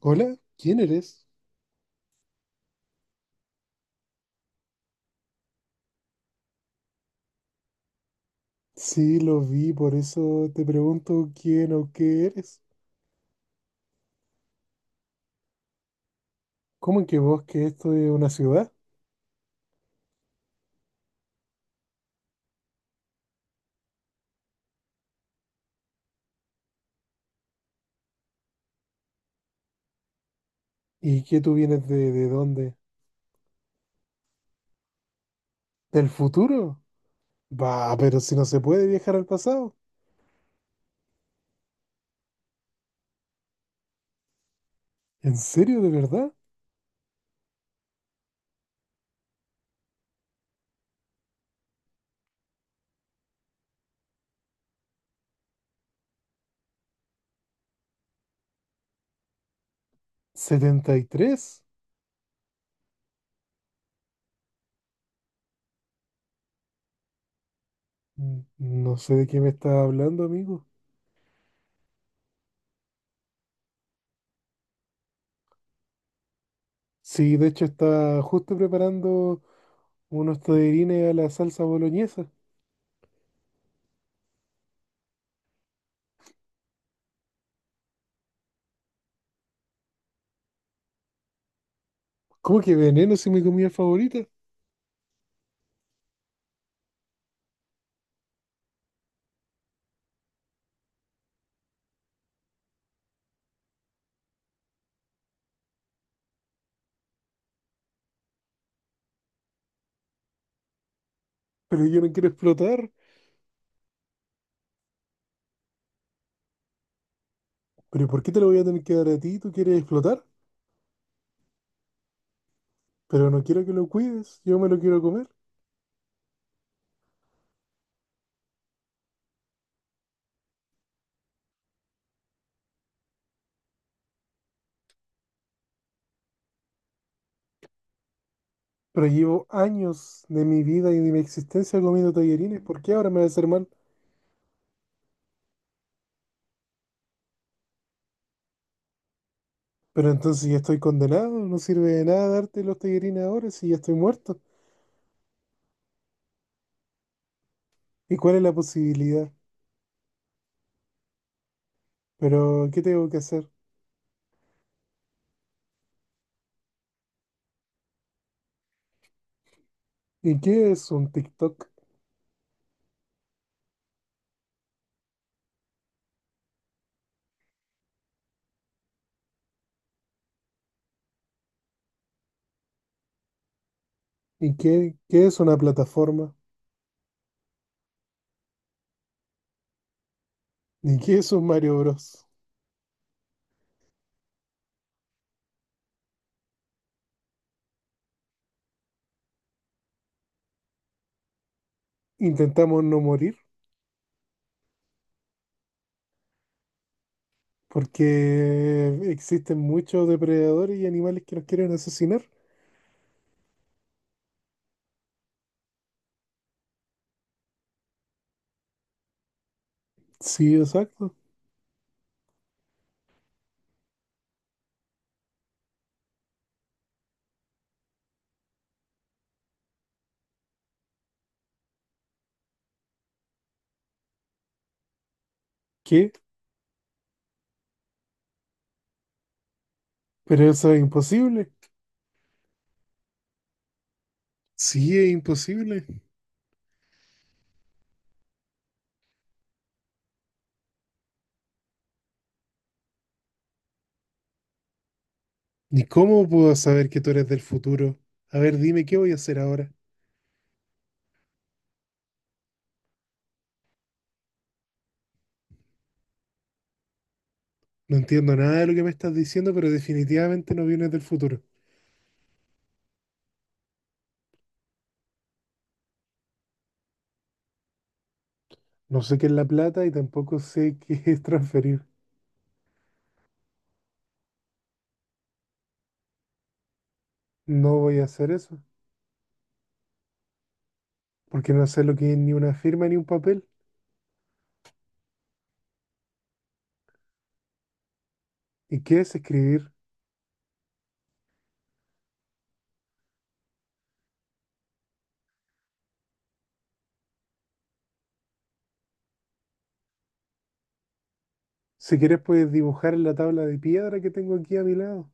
Hola, ¿quién eres? Sí, lo vi, por eso te pregunto quién o qué eres. ¿Cómo en que vos que esto es una ciudad? ¿Y que tú vienes de dónde? ¿Del futuro? Bah, pero si no se puede viajar al pasado. ¿En serio, de verdad? ¿73? No sé de qué me estás hablando, amigo. Sí, de hecho está justo preparando unos tallarines a la salsa boloñesa. ¿Cómo que veneno si mi comida favorita? Pero yo no quiero explotar. Pero ¿y por qué te lo voy a tener que dar a ti? ¿Tú quieres explotar? Pero no quiero que lo cuides, yo me lo quiero comer. Pero llevo años de mi vida y de mi existencia comiendo tallarines, ¿por qué ahora me va a hacer mal? Pero entonces ya estoy condenado, no sirve de nada darte los tallarines ahora si ya estoy muerto. ¿Y cuál es la posibilidad? Pero ¿qué tengo que hacer? ¿Y qué es un TikTok? ¿Y qué es una plataforma? ¿Y qué es un Mario Bros? Intentamos no morir porque existen muchos depredadores y animales que nos quieren asesinar. Sí, exacto. ¿Qué? Pero eso es imposible. Sí, es imposible. ¿Ni cómo puedo saber que tú eres del futuro? A ver, dime qué voy a hacer ahora. No entiendo nada de lo que me estás diciendo, pero definitivamente no vienes del futuro. No sé qué es la plata y tampoco sé qué es transferir. No voy a hacer eso, porque no sé lo que es ni una firma ni un papel. ¿Y qué es escribir? Si quieres puedes dibujar en la tabla de piedra que tengo aquí a mi lado.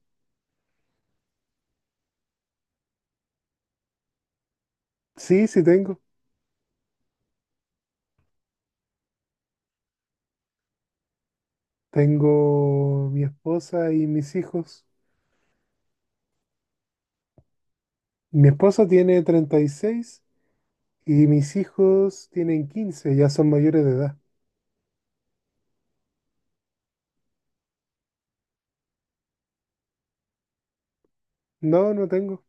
Sí, sí tengo. Tengo mi esposa y mis hijos. Mi esposa tiene 36 y mis hijos tienen 15, ya son mayores de edad. No, no tengo.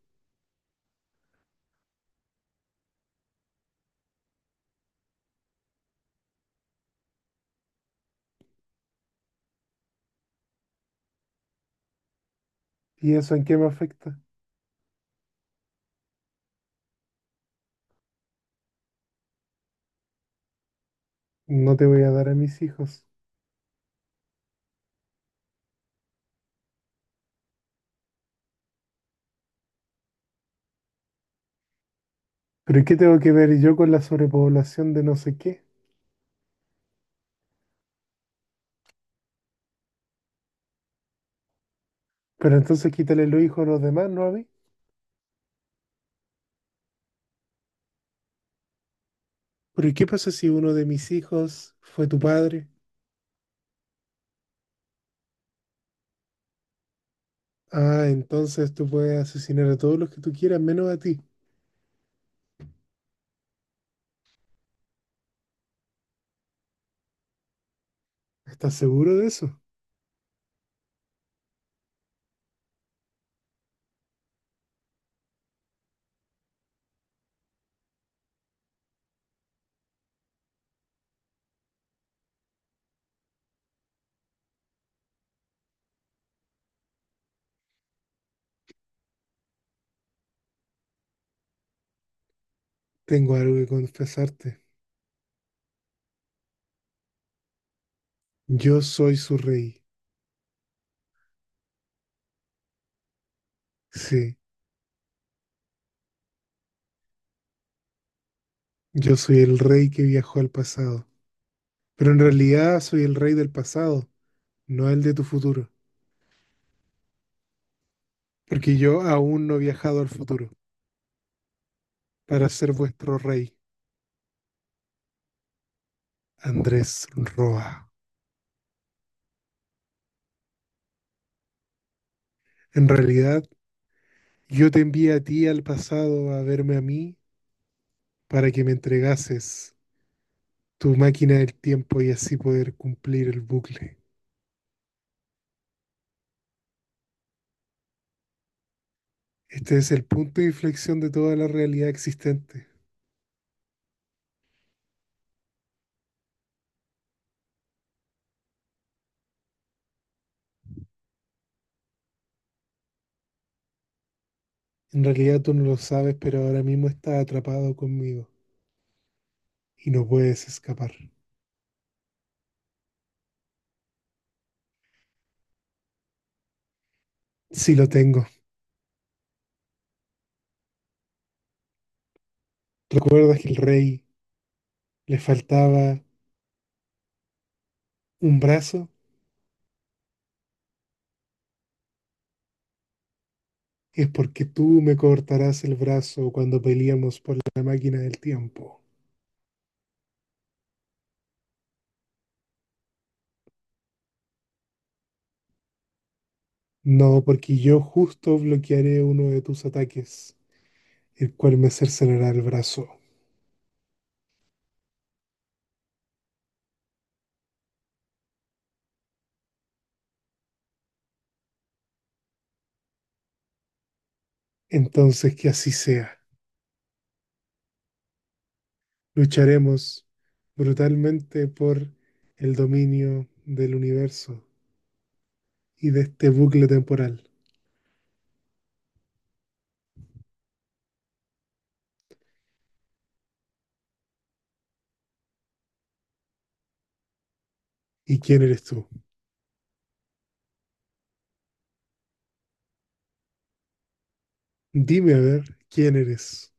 ¿Y eso en qué me afecta? No te voy a dar a mis hijos. ¿Pero y qué tengo que ver yo con la sobrepoblación de no sé qué? Pero entonces quítale los hijos a los demás, ¿no a mí? ¿Pero y qué pasa si uno de mis hijos fue tu padre? Ah, entonces tú puedes asesinar a todos los que tú quieras, menos a ti. ¿Estás seguro de eso? Tengo algo que confesarte. Yo soy su rey. Sí. Yo soy el rey que viajó al pasado, pero en realidad soy el rey del pasado, no el de tu futuro, porque yo aún no he viajado al futuro para ser vuestro rey, Andrés Roa. En realidad, yo te envié a ti al pasado a verme a mí para que me entregases tu máquina del tiempo y así poder cumplir el bucle. Este es el punto de inflexión de toda la realidad existente. En realidad tú no lo sabes, pero ahora mismo estás atrapado conmigo y no puedes escapar. Sí lo tengo. ¿Recuerdas que el rey le faltaba un brazo? Es porque tú me cortarás el brazo cuando peleamos por la máquina del tiempo. No, porque yo justo bloquearé uno de tus ataques, el cual me cercenará el brazo. Entonces que así sea. Lucharemos brutalmente por el dominio del universo y de este bucle temporal. ¿Y quién eres tú? Dime a ver, ¿quién eres?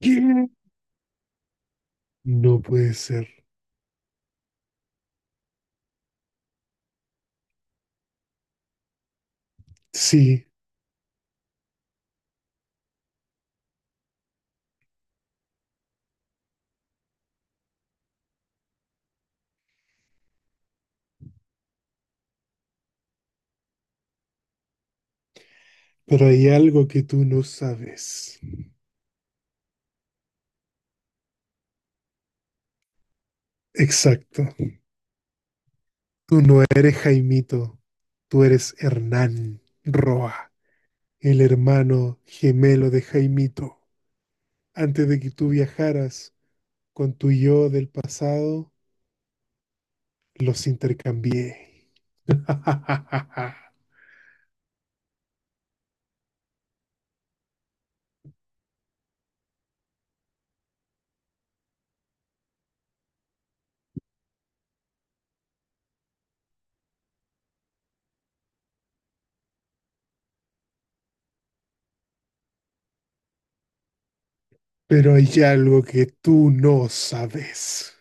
¿Quién? No puede ser. Sí, pero hay algo que tú no sabes. Exacto. Tú no eres Jaimito, tú eres Hernán Roa, el hermano gemelo de Jaimito. Antes de que tú viajaras con tu yo del pasado, los intercambié. Pero hay algo que tú no sabes.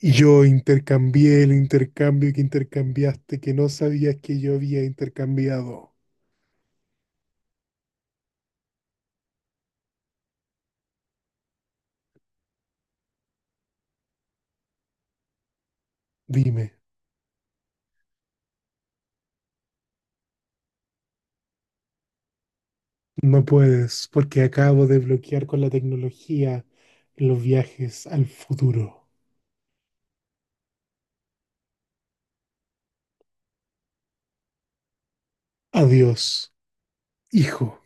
Yo intercambié el intercambio que intercambiaste que no sabías que yo había intercambiado. Dime. No puedes, porque acabo de bloquear con la tecnología los viajes al futuro. Adiós, hijo.